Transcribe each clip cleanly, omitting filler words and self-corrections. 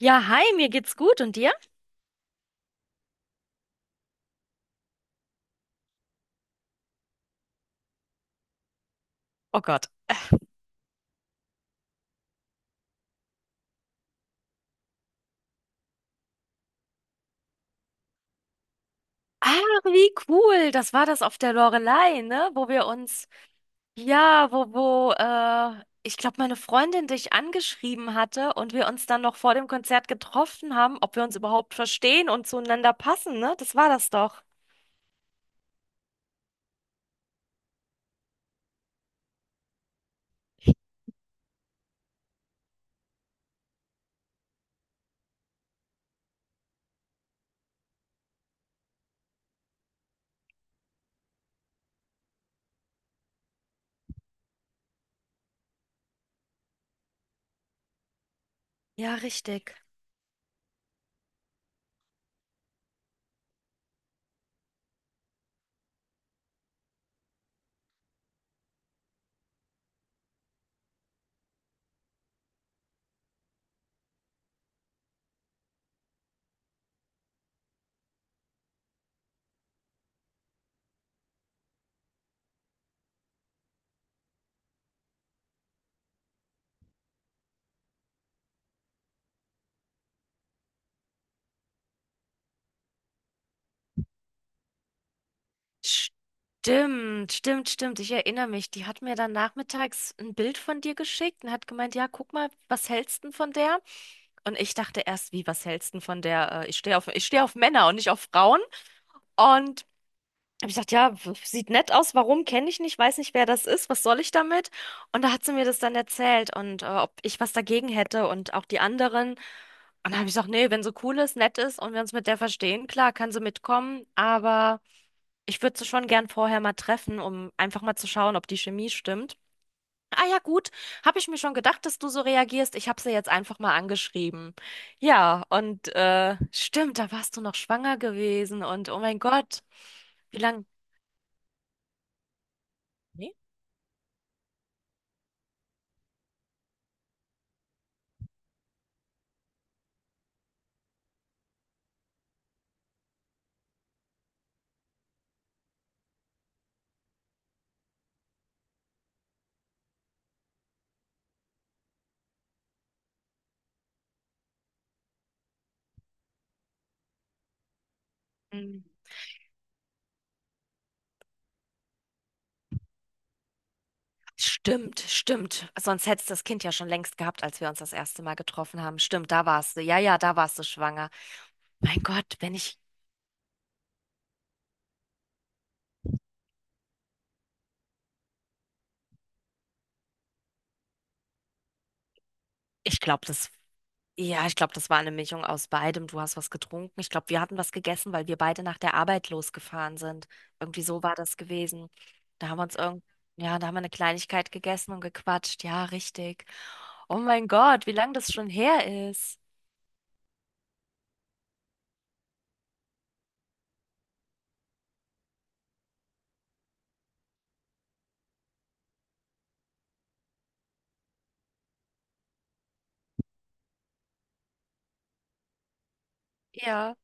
Ja, hi, mir geht's gut und dir? Oh Gott. Ah, wie cool. Das war das auf der Loreley, ne? Wo wir uns, ja, wo, wo, ich glaube, meine Freundin dich angeschrieben hatte und wir uns dann noch vor dem Konzert getroffen haben, ob wir uns überhaupt verstehen und zueinander passen, ne? Das war das doch. Ja, richtig. Stimmt, stimmt, stimmt. Ich erinnere mich. Die hat mir dann nachmittags ein Bild von dir geschickt und hat gemeint, ja, guck mal, was hältst du von der? Und ich dachte erst, wie, was hältst du denn von der, ich stehe auf Männer und nicht auf Frauen. Und habe ich gedacht, ja, sieht nett aus, warum kenne ich nicht, weiß nicht, wer das ist, was soll ich damit? Und da hat sie mir das dann erzählt und ob ich was dagegen hätte und auch die anderen. Und dann habe ich gesagt, nee, wenn sie cool ist, nett ist und wir uns mit der verstehen, klar, kann sie mitkommen, aber ich würde sie schon gern vorher mal treffen, um einfach mal zu schauen, ob die Chemie stimmt. Ah ja, gut. Habe ich mir schon gedacht, dass du so reagierst. Ich habe sie jetzt einfach mal angeschrieben. Ja, und stimmt, da warst du noch schwanger gewesen und oh mein Gott, wie lang? Nee? Hm. Stimmt, stimmt. Sonst hättest du das Kind ja schon längst gehabt, als wir uns das erste Mal getroffen haben. Stimmt, da warst du. Ja, ja, da warst du schwanger. Mein Gott, wenn ich, ich glaube, das Ja, ich glaube, das war eine Mischung aus beidem. Du hast was getrunken. Ich glaube, wir hatten was gegessen, weil wir beide nach der Arbeit losgefahren sind. Irgendwie so war das gewesen. Da haben wir uns irgend, ja, da haben wir eine Kleinigkeit gegessen und gequatscht. Ja, richtig. Oh mein Gott, wie lange das schon her ist. Ja.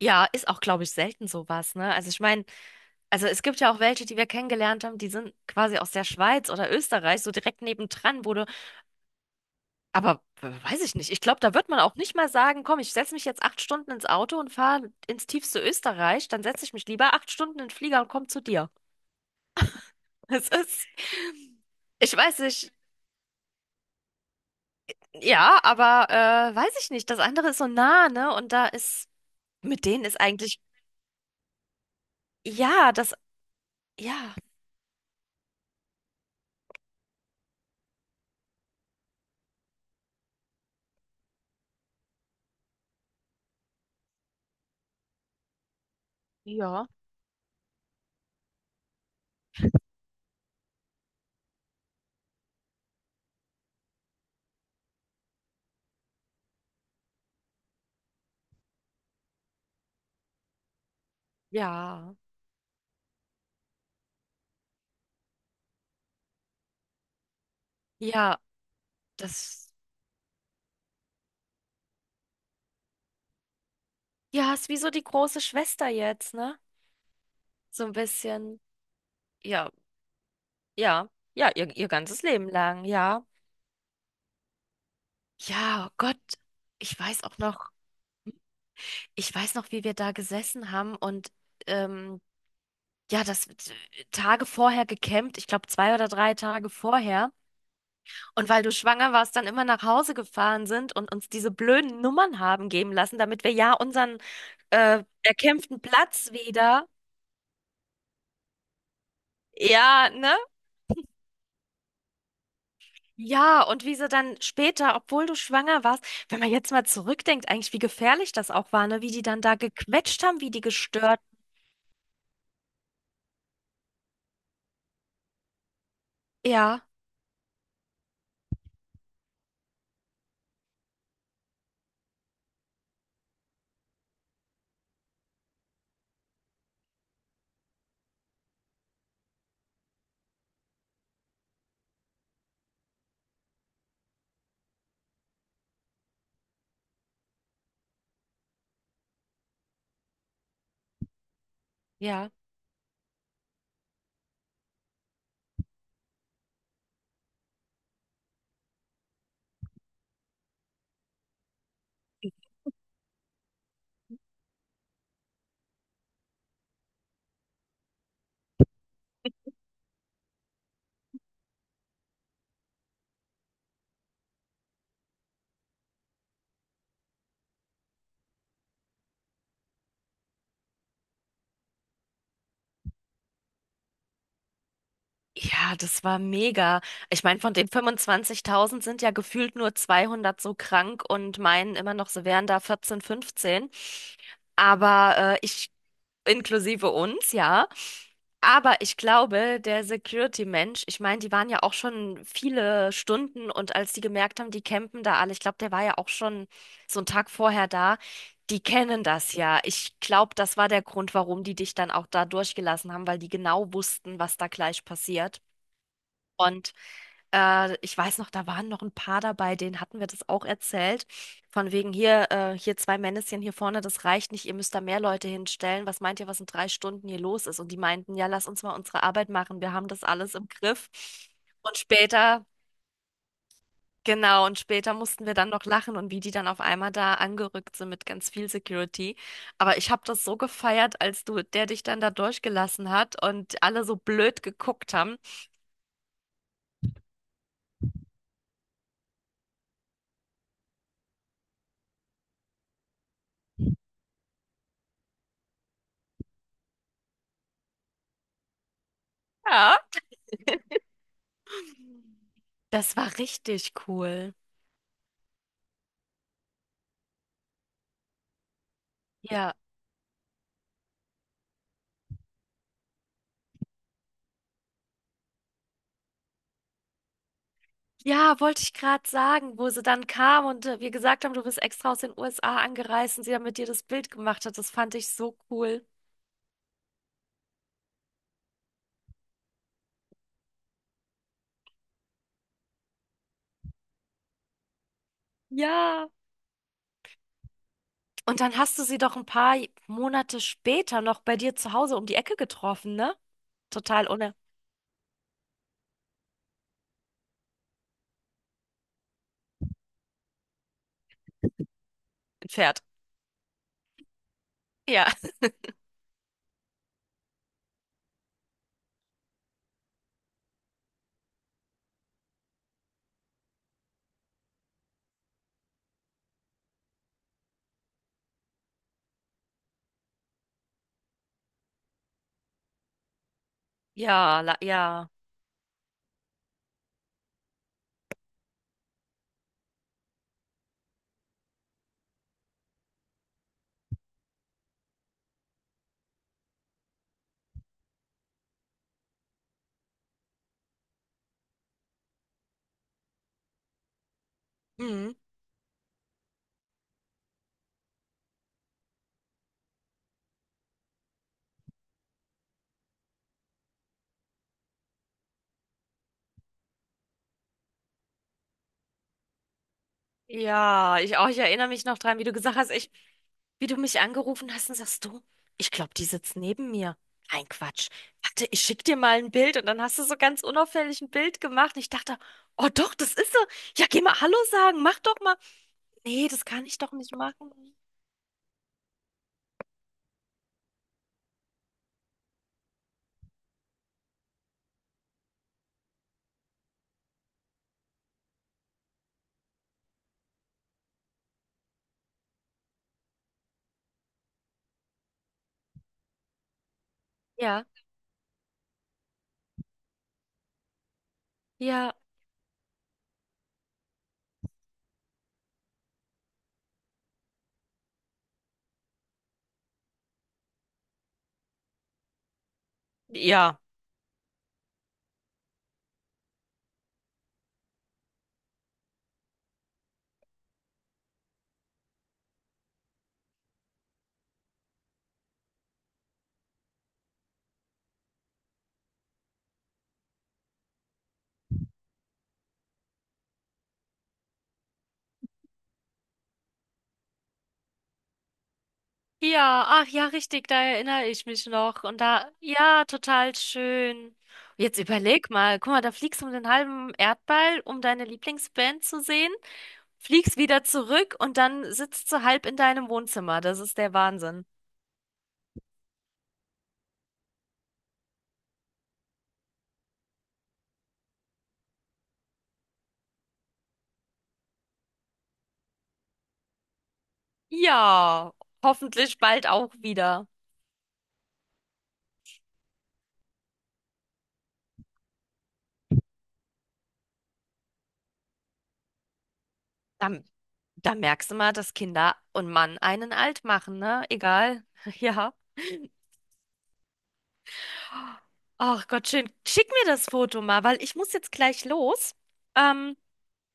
Ja, ist auch, glaube ich, selten sowas, ne? Also ich meine, also es gibt ja auch welche, die wir kennengelernt haben, die sind quasi aus der Schweiz oder Österreich, so direkt nebendran, wo du. Aber weiß ich nicht. Ich glaube, da wird man auch nicht mal sagen, komm, ich setze mich jetzt acht Stunden ins Auto und fahre ins tiefste Österreich. Dann setze ich mich lieber acht Stunden in den Flieger und komme zu dir. Es ist, ich weiß nicht, ja, aber weiß ich nicht. Das andere ist so nah, ne? Und da ist, mit denen ist eigentlich, ja, das, ja, ja, ja, ja, das, ja, ist wie so die große Schwester jetzt, ne? So ein bisschen, ja, ja, ihr ganzes Leben lang, ja. Ja, oh Gott, ich weiß auch noch, ich weiß noch, wie wir da gesessen haben und ähm, ja, das Tage vorher gecampt, ich glaube zwei oder drei Tage vorher. Und weil du schwanger warst, dann immer nach Hause gefahren sind und uns diese blöden Nummern haben geben lassen, damit wir ja unseren erkämpften Platz wieder. Ja, ne? Ja, und wie sie dann später, obwohl du schwanger warst, wenn man jetzt mal zurückdenkt, eigentlich, wie gefährlich das auch war, ne? Wie die dann da gequetscht haben, wie die gestört. Ja, ja. Ja, das war mega. Ich meine, von den 25.000 sind ja gefühlt nur 200 so krank und meinen immer noch, sie wären da 14, 15. Aber inklusive uns, ja. Aber ich glaube, der Security-Mensch, ich meine, die waren ja auch schon viele Stunden und als die gemerkt haben, die campen da alle, ich glaube, der war ja auch schon so einen Tag vorher da, die kennen das ja. Ich glaube, das war der Grund, warum die dich dann auch da durchgelassen haben, weil die genau wussten, was da gleich passiert. Und ich weiß noch, da waren noch ein paar dabei, denen hatten wir das auch erzählt. Von wegen hier, hier zwei Männchen hier vorne, das reicht nicht, ihr müsst da mehr Leute hinstellen. Was meint ihr, was in drei Stunden hier los ist? Und die meinten, ja, lass uns mal unsere Arbeit machen, wir haben das alles im Griff. Und später, genau, und später mussten wir dann noch lachen und wie die dann auf einmal da angerückt sind mit ganz viel Security. Aber ich habe das so gefeiert, als du, der dich dann da durchgelassen hat und alle so blöd geguckt haben. Ja. Das war richtig cool. Ja. Ja, wollte ich gerade sagen, wo sie dann kam und wir gesagt haben, du bist extra aus den USA angereist und sie dann mit dir das Bild gemacht hat. Das fand ich so cool. Ja. Und dann hast du sie doch ein paar Monate später noch bei dir zu Hause um die Ecke getroffen, ne? Total ohne ein Pferd. Ja. Ja, la- ja. Mhm. Ja, ich auch. Ich erinnere mich noch dran, wie du mich angerufen hast und sagst du, ich glaube, die sitzt neben mir. Ein Quatsch. Warte, ich schick dir mal ein Bild und dann hast du so ganz unauffällig ein Bild gemacht. Und ich dachte, oh doch, das ist sie. Ja, geh mal Hallo sagen, mach doch mal. Nee, das kann ich doch nicht machen. Ja, ja, ja. Ja, ach ja, richtig, da erinnere ich mich noch. Und da, ja, total schön. Jetzt überleg mal, guck mal, da fliegst du um den halben Erdball, um deine Lieblingsband zu sehen, fliegst wieder zurück und dann sitzt du halb in deinem Wohnzimmer. Das ist der Wahnsinn. Ja, hoffentlich bald auch wieder. Dann, dann merkst du mal, dass Kinder und Mann einen alt machen, ne? Egal. Ja. Ach Gott, schön. Schick mir das Foto mal, weil ich muss jetzt gleich los. Ähm,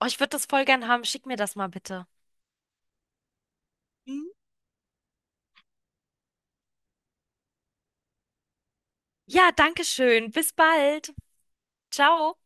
Oh, ich würde das voll gern haben. Schick mir das mal bitte. Mhm. Ja, danke schön. Bis bald. Ciao.